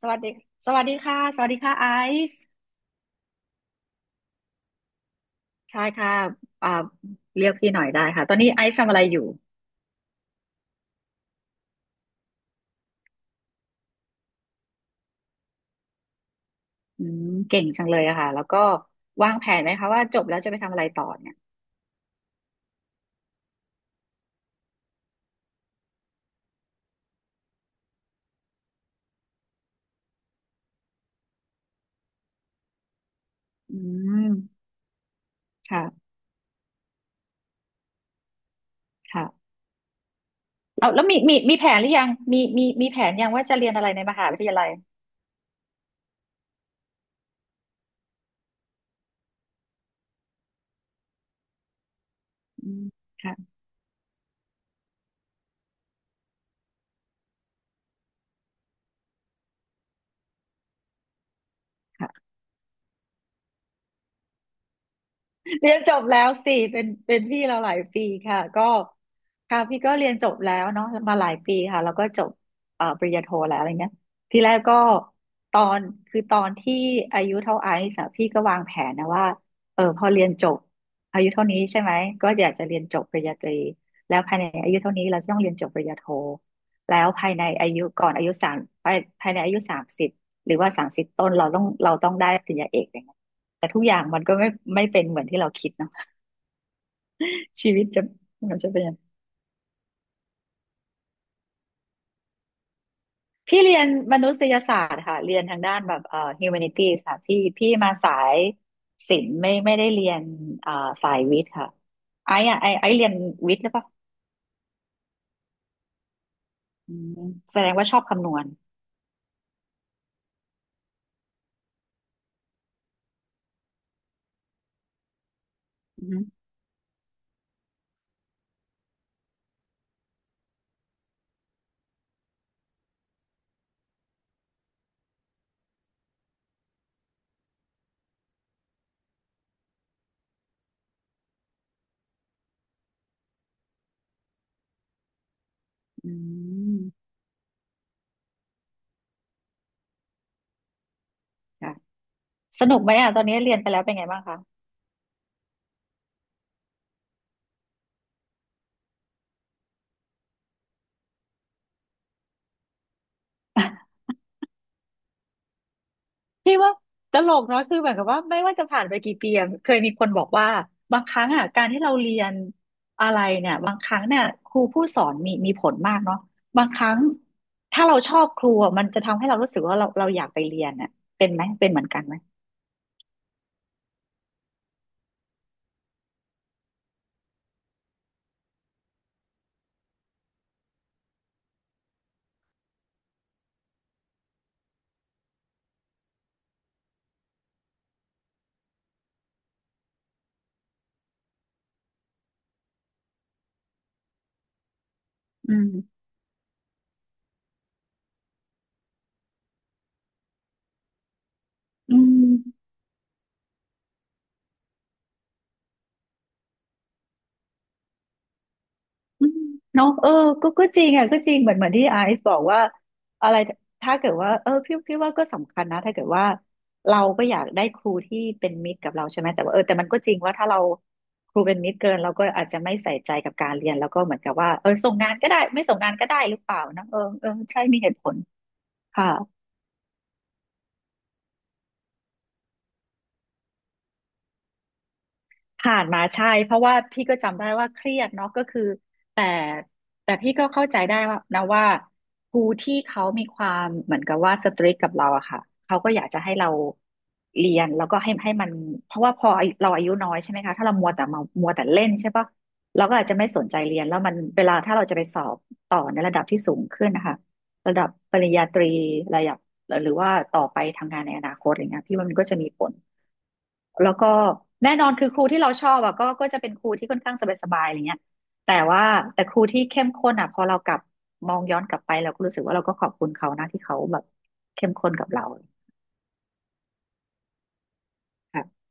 สวัสดีสวัสดีค่ะสวัสดีค่ะไอซ์ใช่ค่ะอ่าเรียกพี่หน่อยได้ค่ะตอนนี้ไอซ์ทำอะไรอยู่เก่งจังเลยอะค่ะแล้วก็วางแผนไหมคะว่าจบแล้วจะไปทำอะไรต่อเนี่ยอืมค่ะค่ะเอาแล้วมีแผนหรือยังมีแผนยังว่าจะเรียนอะไรในมหาวิทยาลัยอืมค่ะค่ะ เรียนจบแล้วสิเป็นพี่เราหลายปีค่ะก็ค่ะพี่ก็เรียนจบแล้วเนาะมาหลายปีค่ะแล้วก็จบปริญญาโทแล้วอะไรเงี้ยทีแรกก็ตอนคือตอนที่อายุเท่าไอซ์อะพี่ก็วางแผนนะว่าเออพอเรียนจบอายุเท่านี้ใช่ไหมก็อยากจะเรียนจบปริญญาตรีแล้วภายในอายุเท่านี้เราจะต้องเรียนจบปริญญาโทแล้วภายในอายุก่อนอายุสามภายในอายุสามสิบหรือว่าสามสิบต้นเราต้องได้ปริญญาเอกอย่างเงี้ย แต่ทุกอย่างมันก็ไม่เป็นเหมือนที่เราคิดเนาะ ชีวิตจะมันจะเป็นยังไงพี่เรียนมนุษยศาสตร์ค่ะเรียนทางด้านแบบhumanities ค่ะพี่มาสายศิลป์ไม่ได้เรียนเอ่อสายวิทย์ค่ะไอ้อะไอ้ไอ้เรียนวิทย์หรือเปล่าอืมแสดงว่าชอบคำนวณอือฮึอืมค่ะสนุกไหมอ่ะตอนนี้เรียนไปแล้วเป็นไงบ้างคะ พี่ว่าตลกเนาะคือเหมือนกับว่าไม่ว่าจะผ่านไปกี่ปีอะเคยมีคนบอกว่าบางครั้งอ่ะการที่เราเรียนอะไรเนี่ยบางครั้งเนี่ยครูผู้สอนมีผลมากเนาะบางครั้งถ้าเราชอบครูอะมันจะทำให้เรารู้สึกว่าเราอยากไปเรียนอ่ะเป็นเหมือนกันไหมอืมอืม อืมเนาะเออก็จริงอ่ะก็จริงเหมือนที่ไอซ์บอกว่าอะไรถ้าเกิดว่าเออพี่ว่าก็สำคัญนะถ้าเกิดว่าเราก็อยากได้ครูที่เป็นมิตรกับเราใช่ไหมแต่ว่าเออแต่มันก็จริงว่าถ้าเราครูเป็นมิตรเกินเราก็อาจจะไม่ใส่ใจกับการเรียนแล้วก็เหมือนกับว่าเออส่งงานก็ได้ไม่ส่งงานก็ได้หรือเปล่านะเออเออใช่มีเหตุผลค่ะ ผ่านมาใช่เพราะว่าพี่ก็จำได้ว่าเครียดเนาะก็คือแต่แต่พี่ก็เข้าใจได้ว่านะว่าครูที่เขามีความเหมือนกับว่าสตริกกับเราอะค่ะเขาก็อยากจะให้เราเรียนแล้วก็ให้มันเพราะว่าพออายุเราอายุน้อยใช่ไหมคะถ้าเรามัวแต่เล่นใช่ปะเราก็อาจจะไม่สนใจเรียนแล้วมันเวลาถ้าเราจะไปสอบต่อในระดับที่สูงขึ้นนะคะระดับปริญญาตรีระดับหรือว่าต่อไปทำงานในอนาคตอะไรเงี้ยพี่ว่ามันก็จะมีผล แล้วก็แน่นอนคือครูที่เราชอบอะก็จะเป็นครูที่ค่อนข้างสบายๆอะไรเงี้ยแต่ว่าแต่ครูที่เข้มข้นอะพอเรากลับมองย้อนกลับไปเราก็รู้สึกว่าเราก็ขอบคุณเขานะที่เขาแบบเข้มข้นกับเราค่ะ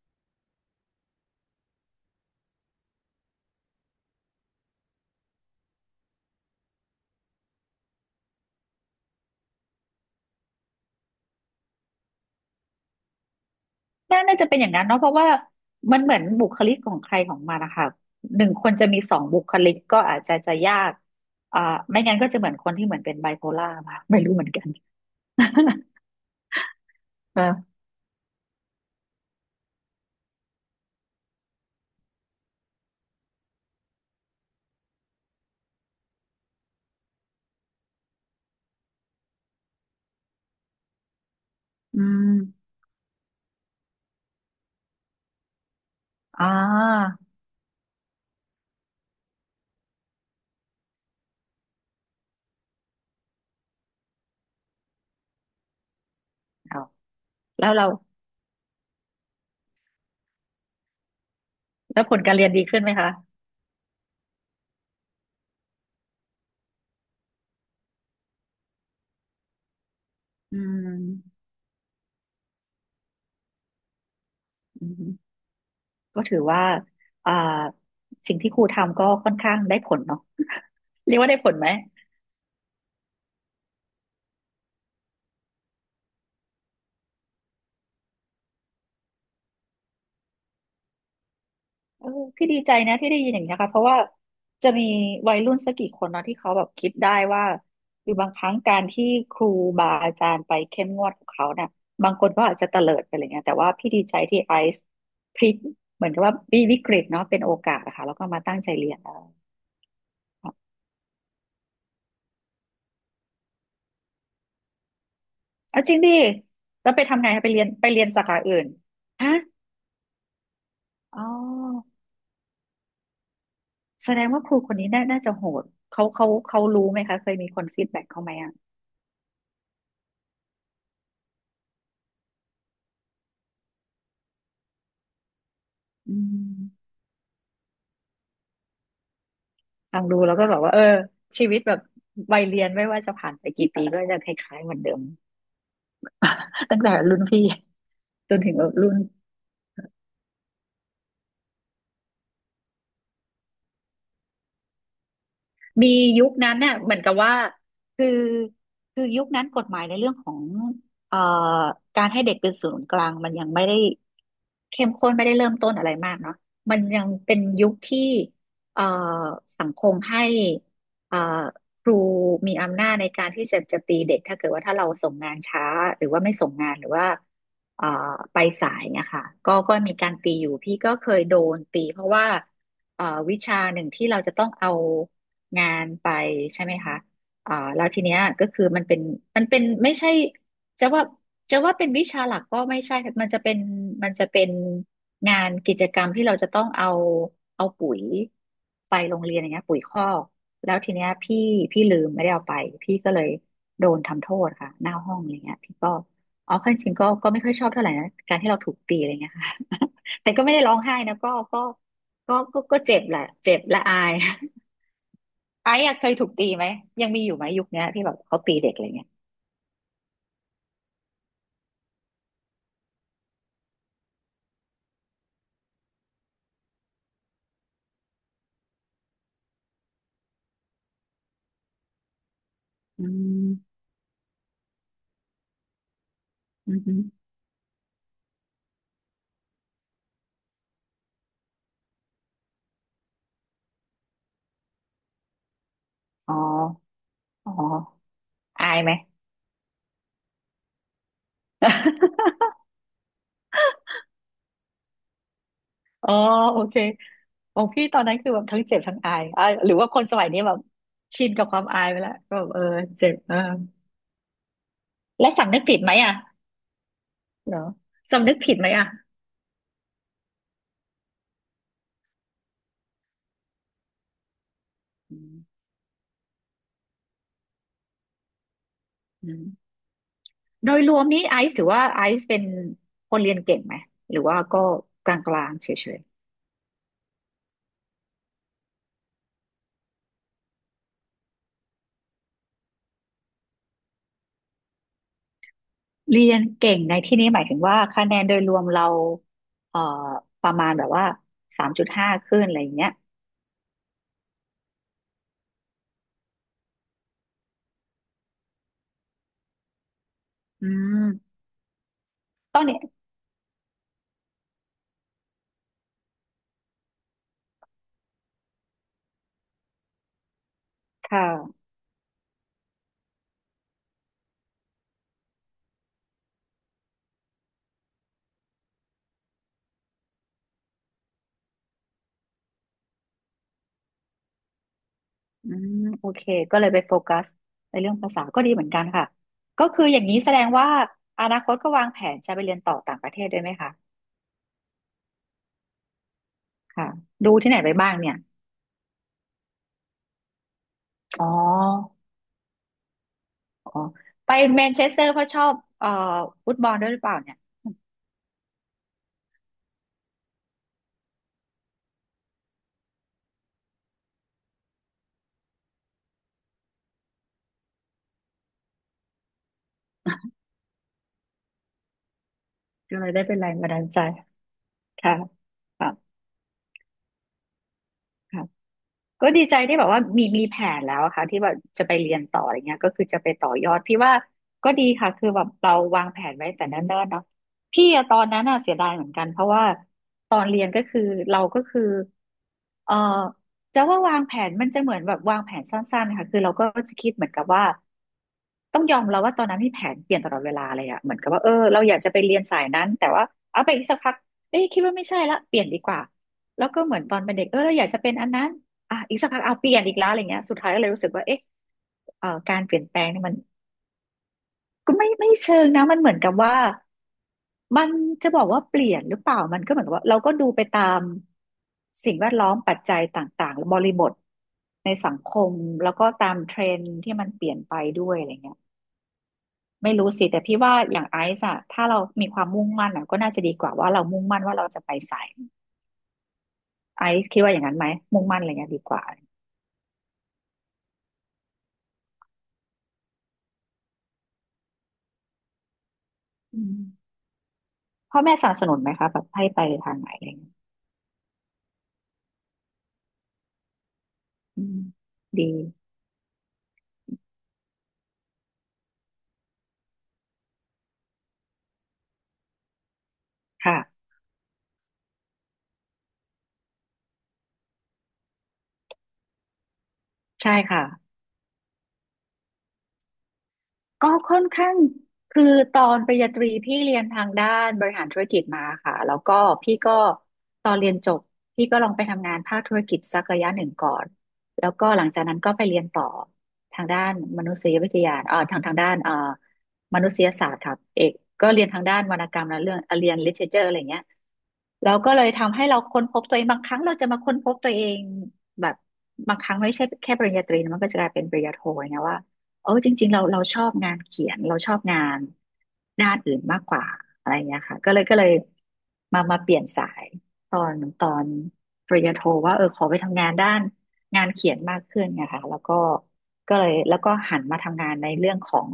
น่าจะเป็นอย่างนั้นเนาะเพราะว่ามันเหมือนบุคลิกของใครของมันนะคะหนึ่งคนจะมีสองบุคลิกก็อาจจะยากอ่าไม่งั้นก็จะเหมือนคนที่เหมือนเป็นไบโพล่ามาไม่รู้เหมือนกัน เอออืมอ่าเอาแล้วเราแล้วผลการเรียนดีขึ้นไหมคะ อืมอืมก็ถือว่าอ่าสิ่งที่ครูทำก็ค่อนข้างได้ผลเนาะ เรียกว่าได้ผลไหมเออพี่ดีใจนะที่ได้ยินอย่างนี้ยค่ะเพราะว่าจะมีวัยรุ่นสักกี่คนเนาะที่เขาแบบคิดได้ว่าคือบางครั้งการที่ครูบาอาจารย์ไปเข้มงวดกับเขาเนี่ยบางคนก็อาจจะเตลิดไปอะไรเงี้ยแต่ว่าพี่ดีใจที่ไอซ์พลิกเหมือนกับว่าวิกฤตเนาะเป็นโอกาสนะคะแล้วก็มาตั้งใจเรียนอเอาจริงดิแล้วไปทำไงไปเรียนสาขาอื่นฮะอ๋อ แสดงว่าครูคนนี้น่าจะโหดเขารู้ไหมคะเคยมีคนฟีดแบ็กเขาไหมอ่ะอืมฟังดูแล้วก็แบบว่าเออชีวิตแบบวัยเรียนไม่ว่าจะผ่านไปกี่ปีก็จะคล้ายๆเหมือนเดิม ตั้งแต่รุ่นพี่จนถึงรุ่น มียุคนั้นเนี่ยเหมือนกับว่าคือคือยุคนั้นกฎหมายในเรื่องของเอ่อการให้เด็กเป็นศูนย์กลางมันยังไม่ได้เข้มข้นไม่ได้เริ่มต้นอะไรมากเนาะมันยังเป็นยุคที่เอ่อสังคมให้เอ่อครูมีอำนาจในการที่จะตีเด็กถ้าเกิดว่าถ้าเราส่งงานช้าหรือว่าไม่ส่งงานหรือว่าเอ่อไปสายเนี่ยค่ะก็มีการตีอยู่พี่ก็เคยโดนตีเพราะว่าเอ่อวิชาหนึ่งที่เราจะต้องเอา งานไปใช่ไหมคะแล้วทีเนี้ยก็คือมันเป็นไม่ใช่จะว่าจะว่าเป็นวิชาหลักก็ไม่ใช่ค่ะมันจะเป็นงานกิจกรรมที่เราจะต้องเอาเอาปุ๋ยไปโรงเรียนอย่างเงี้ยปุ๋ยคอกแล้วทีเนี้ยพี่ลืมไม่ได้เอาไปพี่ก็เลยโดนทำโทษค่ะหน้าห้องอะไรเงี้ยพี่ก็อ๋อข้จริงๆก็ไม่ค่อยชอบเท่าไหร่นะการที่เราถูกตีอะไรเงี้ยค่ะ แต่ก็ไม่ได้ร้องไห้นะก็เจ็บแหละเจ็บและอาย ไอ้อะเคยถูกตีไหมยังมีอยู่ไหมยุคเนี้ยที่แบบเขาตีเด็กอะไรเงี้ยอืมอืมอหออ๋ออ๋ออายไหม อ๋อโอเคของพี่ตอนนั้นคือแบบทั้งเจ็บทั้งอายอ่ะหรือว่าคนสมัยนี้แบบชินกับความอายไปแล้วก็แบบเออเจ็บเออแล้วสำนึกผิดไหมอ่ะเหรอสำนึกผิดไหมอ่ะอืมอืมโดยรวมนี้ไอซ์ถือว่าไอซ์เป็นคนเรียนเก่งไหมหรือว่าก็กลางๆเฉย เรียนเก่งในที่นี้หมายถึงว่าคะแนนโดยรวมเราเอ่อประมาณแบบว่า3.5ขึ้นอะไรอย่างเงี้ยอืมตอนเนี้ยค่ะอืมโอเค ก็เลยไปโฟกัสในเรื่องภาษาก็ดีเหมือนกันค่ะ ก็คืออย่างนี้แสดงว่าอนาคตก็วางแผนจะไปเรียนต่อต่างประเทศด้วยไหมคะค่ะ ดูที่ไหนไปบ้างเนี่ย อ๋ออ๋อไปแมนเชสเตอร์เพราะชอบฟุตบอลด้วยหรือเปล่าเนี่ย ก็เลยได้เป็นแรงบันดาลใจค่ะค่ะค่ะ ก็ดีใจที่แบบว่ามีแผนแล้วอะค่ะที่ว่าจะไปเรียนต่ออะไรเงี้ยก็คือจะไปต่อยอดพี่ว่าก็ดีค่ะคือแบบเราวางแผนไว้แต่เนิ่นๆเนาะพี่อะตอนนั้นอะเสียดายเหมือนกันเพราะว่าตอนเรียนก็คือเราก็คือเอ่อจะว่าวางแผนมันจะเหมือนแบบวางแผนสั้นๆค่ะคือเราก็จะคิดเหมือนกับว่าต้องยอมเราว่าตอนนั้นที่แผนเปลี่ยนตลอดเวลาเลยอะเหมือนกับว่าเออเราอยากจะไปเรียนสายนั้นแต่ว่าเอาไปอีกสักพักเอ้ยคิดว่าไม่ใช่ละเปลี่ยนดีกว่าแล้วก็เหมือนตอนเป็นเด็กเออเราอยากจะเป็นอันนั้น อ่ะอีกสักพักเอาเปลี่ยนอีกแล้วอะไรเงี้ยสุดท้ายก็เลยรู้สึกว่าเอ๊ะการเปลี่ยนแปลงเนี่ยมันก็ไม่เชิงนะมันเหมือนกับว่ามันจะบอกว่าเปลี่ยนหรือเปล่ามันก็เหมือนกับว่าเราก็ดูไปตามสิ่งแวดล้อมปัจจัยต่างๆบริบทในสังคมแล้วก็ตามเทรนด์ที่มันเปลี่ยนไปด้วยอะไรเงี้ยไม่รู้สิแต่พี่ว่าอย่างไอซ์อะถ้าเรามีความมุ่งมั่นอะก็น่าจะดีกว่าว่าเรามุ่งมั่นว่าเราจะไปสายไอซ์คิดว่าอย่างนั้นไหมมุ่งมั่นอะไรเงี้ยดีกว่าอืม พ่อแม่สนับสนุนไหมคะแบบให้ไปทางไหนอะไรเงี้ยอืมดีค่ะใช่ค่ะ ก็ค่อนข้างคือตอนปริญญาตรีพี่เรียนทางด้านบริหารธุรกิจมาค่ะแล้วก็พี่ก็ตอนเรียนจบพี่ก็ลองไปทำงานภาคธุรกิจสักระยะหนึ่งก่อนแล้วก็หลังจากนั้นก็ไปเรียนต่อทางด้านมนุษยวิทยาทางด้านมนุษยศาสตร์ครับเอกก็เรียนทางด้านวรรณกรรมและเรื่องเรียน literature อะไรเงี้ยเราก็เลยทำให้เราค้นพบตัวเองบางครั้งเราจะมาค้นพบตัวเองแบบบางครั้งไม่ใช่แค่ปริญญาตรีนะมันก็จะกลายเป็นปริญญาโทอย่างเงี้ยว่า เออจริงๆเราชอบงานเขียนเราชอบงานด้านอื่นมากกว่าอะไรเงี้ยค่ะก็เลยมาเปลี่ยนสายตอนปริญญาโทว่าเออขอไปทำงานด้านงานเขียนมากขึ้นไงค่ะแล้วก็ก็เลยแล้วก็หันมาทำงานในเรื่องของ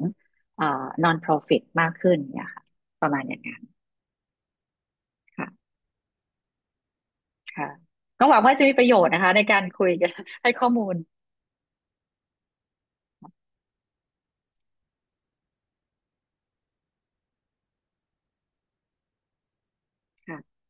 เอ่อ non-profit มากขึ้นเนี่ยค่ะประมาณอย่างนั้นค่ะค่ะก็หวังว่าจะมีประโยชน์นะคะในการคุยกันให้ข้อมูลค่ะ